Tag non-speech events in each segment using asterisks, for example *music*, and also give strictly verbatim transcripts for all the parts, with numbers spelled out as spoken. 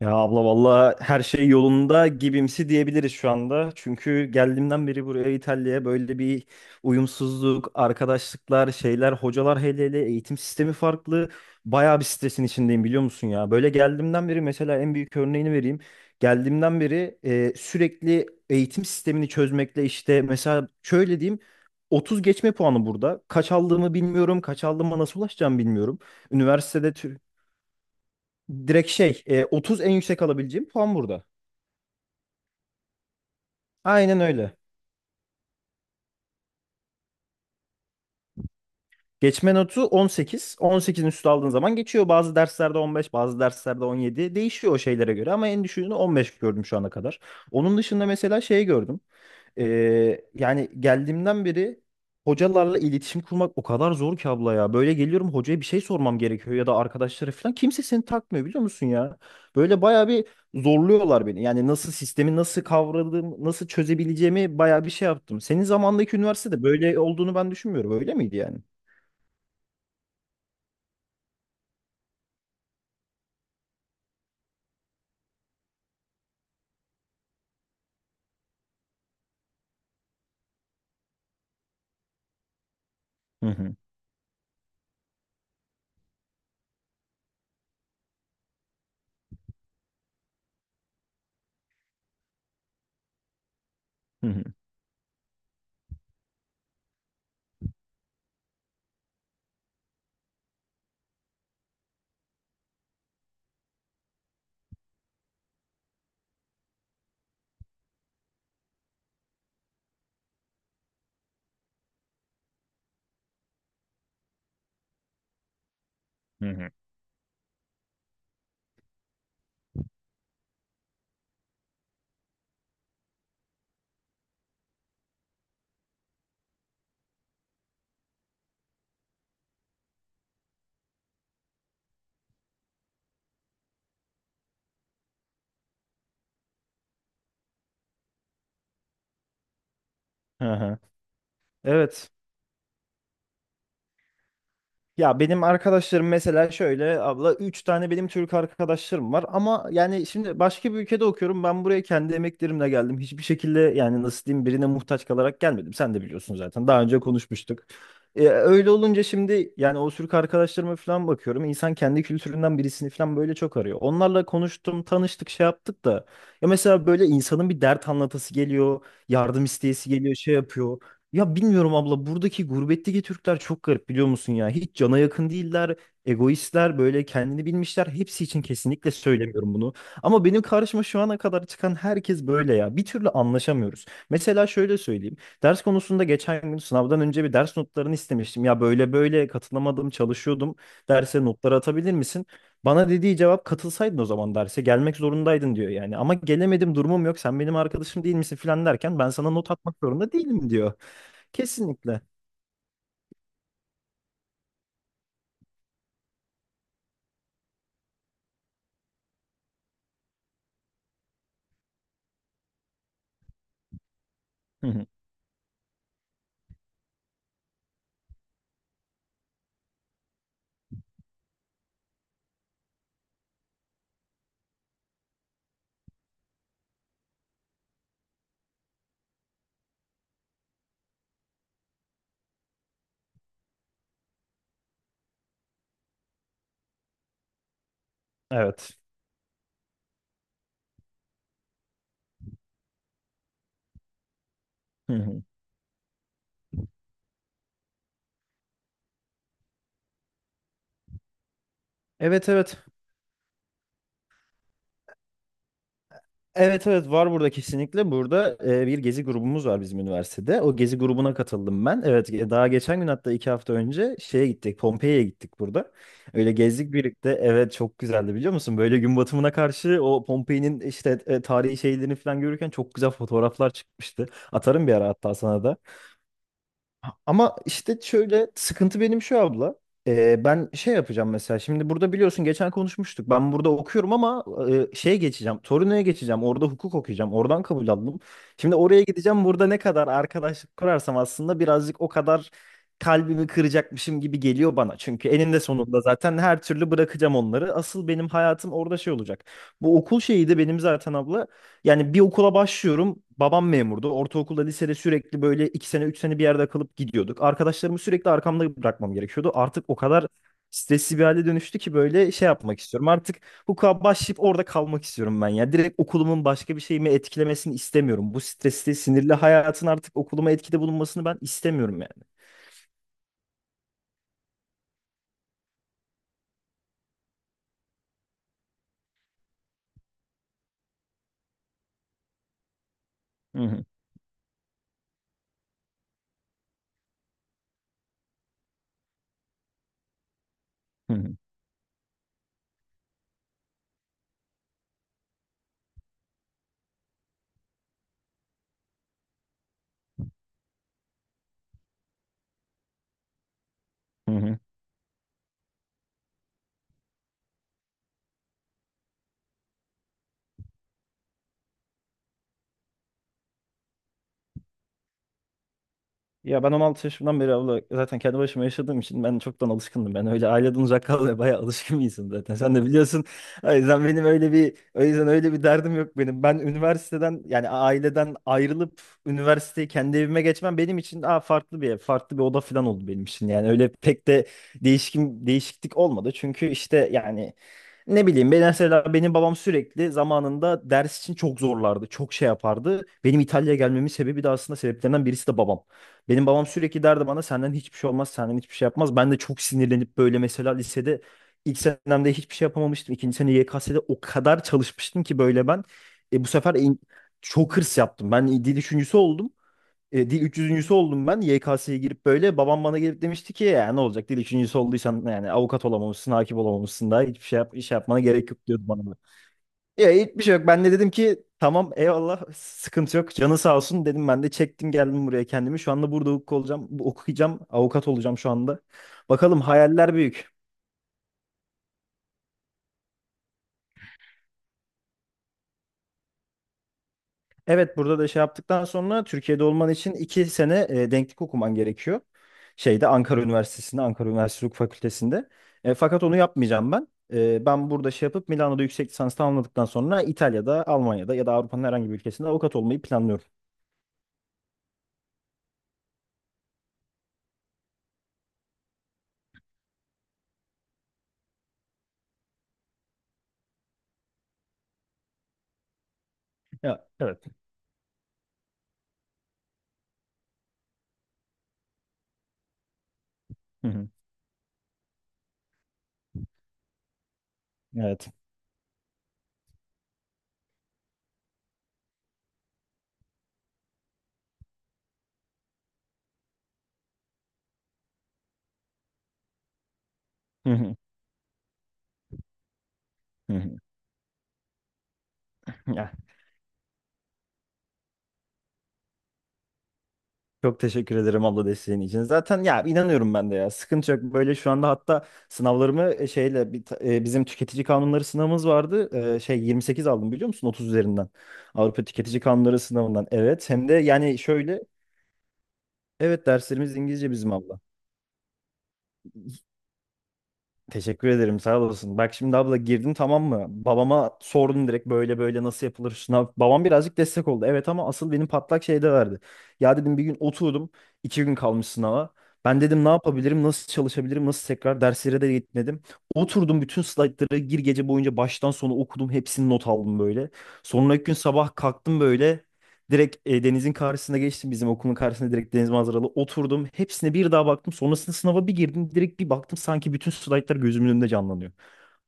Ya abla valla her şey yolunda gibimsi diyebiliriz şu anda. Çünkü geldiğimden beri buraya İtalya'ya böyle bir uyumsuzluk, arkadaşlıklar, şeyler, hocalar hele hele eğitim sistemi farklı. Bayağı bir stresin içindeyim biliyor musun ya? Böyle geldiğimden beri mesela en büyük örneğini vereyim. Geldiğimden beri e, sürekli eğitim sistemini çözmekle işte mesela şöyle diyeyim otuz geçme puanı burada. Kaç aldığımı bilmiyorum, kaç aldığıma nasıl ulaşacağımı bilmiyorum. Üniversitede tü- Direkt şey e, otuz en yüksek alabileceğim puan burada. Aynen öyle. Geçme notu on sekiz, on sekizin üstü aldığın zaman geçiyor. Bazı derslerde on beş, bazı derslerde on yedi Değişiyor o şeylere göre ama en düşüğünü on beş gördüm şu ana kadar. Onun dışında mesela şey gördüm. Ee, yani geldiğimden beri hocalarla iletişim kurmak o kadar zor ki abla ya. Böyle geliyorum, hocaya bir şey sormam gerekiyor ya da arkadaşlara falan. Kimse seni takmıyor biliyor musun ya? Böyle bayağı bir zorluyorlar beni. Yani nasıl sistemi, nasıl kavradığım, nasıl çözebileceğimi bayağı bir şey yaptım. Senin zamandaki üniversitede böyle olduğunu ben düşünmüyorum. Öyle miydi yani? Hı hı. Hı hı. Hı hı. Hı hı. Evet. Ya benim arkadaşlarım mesela şöyle abla, üç tane benim Türk arkadaşlarım var ama yani şimdi başka bir ülkede okuyorum. Ben buraya kendi emeklerimle geldim, hiçbir şekilde yani nasıl diyeyim, birine muhtaç kalarak gelmedim. Sen de biliyorsun zaten, daha önce konuşmuştuk. Ee, öyle olunca şimdi yani o Türk arkadaşlarıma falan bakıyorum, insan kendi kültüründen birisini falan böyle çok arıyor. Onlarla konuştum, tanıştık, şey yaptık da ya mesela böyle insanın bir dert anlatası geliyor, yardım isteyesi geliyor, şey yapıyor. Ya bilmiyorum abla, buradaki gurbetteki Türkler çok garip biliyor musun ya? Hiç cana yakın değiller, egoistler, böyle kendini bilmişler. Hepsi için kesinlikle söylemiyorum bunu. Ama benim karşıma şu ana kadar çıkan herkes böyle ya. Bir türlü anlaşamıyoruz. Mesela şöyle söyleyeyim. Ders konusunda geçen gün, sınavdan önce bir ders notlarını istemiştim. Ya böyle böyle katılamadım, çalışıyordum. Derse notları atabilir misin? Bana dediği cevap, katılsaydın o zaman, derse gelmek zorundaydın diyor yani. Ama gelemedim, durumum yok, sen benim arkadaşım değil misin filan derken, ben sana not atmak zorunda değilim diyor. Kesinlikle. Hı hı. Evet. Hı hı. Evet evet. Evet evet, var burada kesinlikle. Burada e, bir gezi grubumuz var bizim üniversitede. O gezi grubuna katıldım ben. Evet, e, daha geçen gün, hatta iki hafta önce şeye gittik. Pompei'ye gittik burada. Öyle gezdik birlikte. Evet, çok güzeldi biliyor musun? Böyle gün batımına karşı o Pompei'nin işte e, tarihi şeylerini falan görürken çok güzel fotoğraflar çıkmıştı. Atarım bir ara hatta sana da. Ama işte şöyle sıkıntı benim şu abla. Ee, ben şey yapacağım mesela. Şimdi burada biliyorsun, geçen konuşmuştuk. Ben burada okuyorum ama e, şeye geçeceğim. Torino'ya geçeceğim. Orada hukuk okuyacağım. Oradan kabul aldım. Şimdi oraya gideceğim. Burada ne kadar arkadaşlık kurarsam aslında birazcık o kadar kalbimi kıracakmışım gibi geliyor bana. Çünkü eninde sonunda zaten her türlü bırakacağım onları. Asıl benim hayatım orada şey olacak. Bu okul şeyi de benim zaten abla, yani bir okula başlıyorum. Babam memurdu. Ortaokulda, lisede sürekli böyle iki sene, üç sene bir yerde kalıp gidiyorduk. Arkadaşlarımı sürekli arkamda bırakmam gerekiyordu. Artık o kadar stresli bir hale dönüştü ki, böyle şey yapmak istiyorum. Artık hukuka başlayıp orada kalmak istiyorum ben ya. Direkt okulumun başka bir şeyimi etkilemesini istemiyorum. Bu stresli, sinirli hayatın artık okuluma etkide bulunmasını ben istemiyorum yani. Hı hı, hı hı, hı hı. Ya ben on altı yaşımdan beri abla zaten kendi başıma yaşadığım için ben çoktan alışkındım. Ben öyle aileden uzak kalmaya bayağı alışkın bir insanım zaten. Sen de biliyorsun. O yüzden benim öyle bir, o yüzden öyle bir derdim yok benim. Ben üniversiteden, yani aileden ayrılıp üniversiteyi kendi evime geçmem benim için aa, farklı bir ev, farklı bir oda falan oldu benim için. Yani öyle pek de değişkin değişiklik olmadı. Çünkü işte yani ne bileyim ben, mesela benim babam sürekli zamanında ders için çok zorlardı. Çok şey yapardı. Benim İtalya'ya gelmemin sebebi de, aslında sebeplerinden birisi de babam. Benim babam sürekli derdi bana, senden hiçbir şey olmaz, senden hiçbir şey yapmaz. Ben de çok sinirlenip böyle mesela lisede ilk senemde hiçbir şey yapamamıştım. İkinci sene Y K S'de o kadar çalışmıştım ki böyle ben. E, bu sefer en- çok hırs yaptım. Ben dil üçüncüsü oldum. E, dil üç yüzüncüsü.'sü oldum ben, Y K S'ye girip böyle. Babam bana gelip demişti ki, ya ne olacak dil üçüncüsü olduysan, yani avukat olamamışsın, hakim olamamışsın, daha hiçbir şey yap, iş yapmana gerek yok diyordu bana. Ya hiçbir şey yok. Ben de dedim ki tamam eyvallah, sıkıntı yok. Canı sağ olsun dedim, ben de çektim geldim buraya kendimi. Şu anda burada hukuk olacağım, bu- okuyacağım, avukat olacağım şu anda. Bakalım, hayaller büyük. Evet, burada da şey yaptıktan sonra Türkiye'de olman için iki sene e, denklik okuman gerekiyor. Şeyde, Ankara Üniversitesi'nde, Ankara Üniversitesi Hukuk Fakültesi'nde. E, fakat onu yapmayacağım ben. E, ben burada şey yapıp Milano'da yüksek lisans tamamladıktan sonra İtalya'da, Almanya'da ya da Avrupa'nın herhangi bir ülkesinde avukat olmayı planlıyorum. Ya, evet. Hı hı. Evet. Hı hı. Hı hı. Ya, çok teşekkür ederim abla desteğin için. Zaten ya, inanıyorum ben de ya. Sıkıntı yok. Böyle şu anda hatta sınavlarımı e, şeyle bir ta- e, bizim tüketici kanunları sınavımız vardı. E, şey yirmi sekiz aldım biliyor musun? otuz üzerinden. Avrupa Tüketici Kanunları sınavından. Evet. Hem de yani şöyle, evet, derslerimiz İngilizce bizim abla. Teşekkür ederim, sağ olasın. Bak şimdi abla, girdin tamam mı? Babama sordum direkt böyle böyle nasıl yapılır sınav. Babam birazcık destek oldu. Evet ama asıl benim patlak şeyde verdi. Ya dedim bir gün oturdum. iki gün kalmış sınava. Ben dedim ne yapabilirim, nasıl çalışabilirim, nasıl tekrar. Derslere de gitmedim. Oturdum bütün slaytları gir gece boyunca baştan sona okudum. Hepsini not aldım böyle. Sonraki gün sabah kalktım böyle. Direkt e, denizin karşısına geçtim. Bizim okulun karşısında direkt deniz manzaralı oturdum. Hepsine bir daha baktım. Sonrasında sınava bir girdim. Direkt bir baktım, sanki bütün slaytlar gözümün önünde canlanıyor.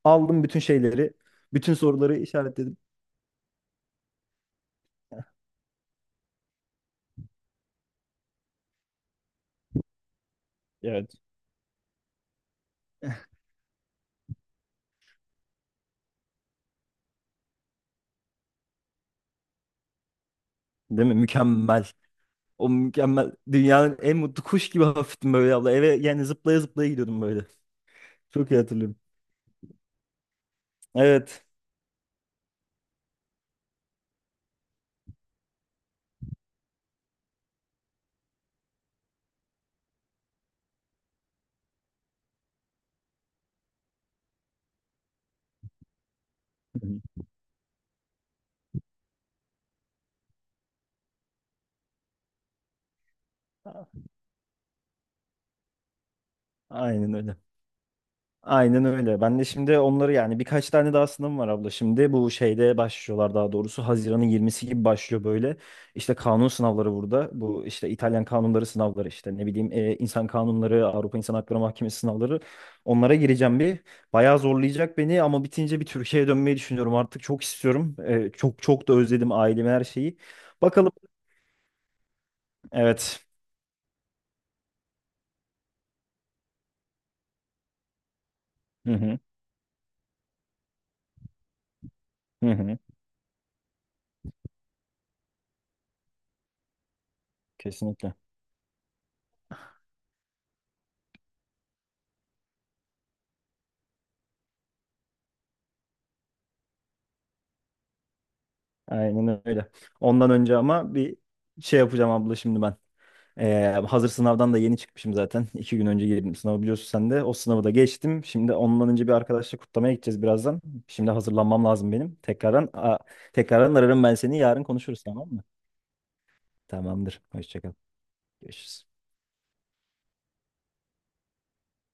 Aldım bütün şeyleri. Bütün soruları işaretledim. Evet. *laughs* Değil mi? Mükemmel. O mükemmel. Dünyanın en mutlu kuş gibi hafiftim böyle abla. Eve yani zıplaya zıplaya gidiyordum böyle. Çok iyi hatırlıyorum. Evet. Hı hı. Aynen öyle. Aynen öyle. Ben de şimdi onları, yani birkaç tane daha sınavım var abla. Şimdi bu şeyde başlıyorlar, daha doğrusu Haziran'ın yirmisi gibi başlıyor böyle. İşte kanun sınavları burada. Bu işte İtalyan kanunları sınavları, işte ne bileyim, e, insan kanunları, Avrupa İnsan Hakları Mahkemesi sınavları. Onlara gireceğim bir. Bayağı zorlayacak beni ama bitince bir Türkiye'ye dönmeyi düşünüyorum. Artık çok istiyorum. E, çok çok da özledim ailemi, her şeyi. Bakalım. Evet. Hı hı. Hı hı. Kesinlikle. Aynen öyle. Ondan önce ama bir şey yapacağım abla şimdi ben. Ee, hazır sınavdan da yeni çıkmışım zaten. İki gün önce girdim sınavı, biliyorsun sen de. O sınavı da geçtim. Şimdi ondan önce bir arkadaşla kutlamaya gideceğiz birazdan. Şimdi hazırlanmam lazım benim. Tekrardan, a- tekrardan ararım ben seni. Yarın konuşuruz tamam mı? Tamamdır. Hoşça kal. Görüşürüz.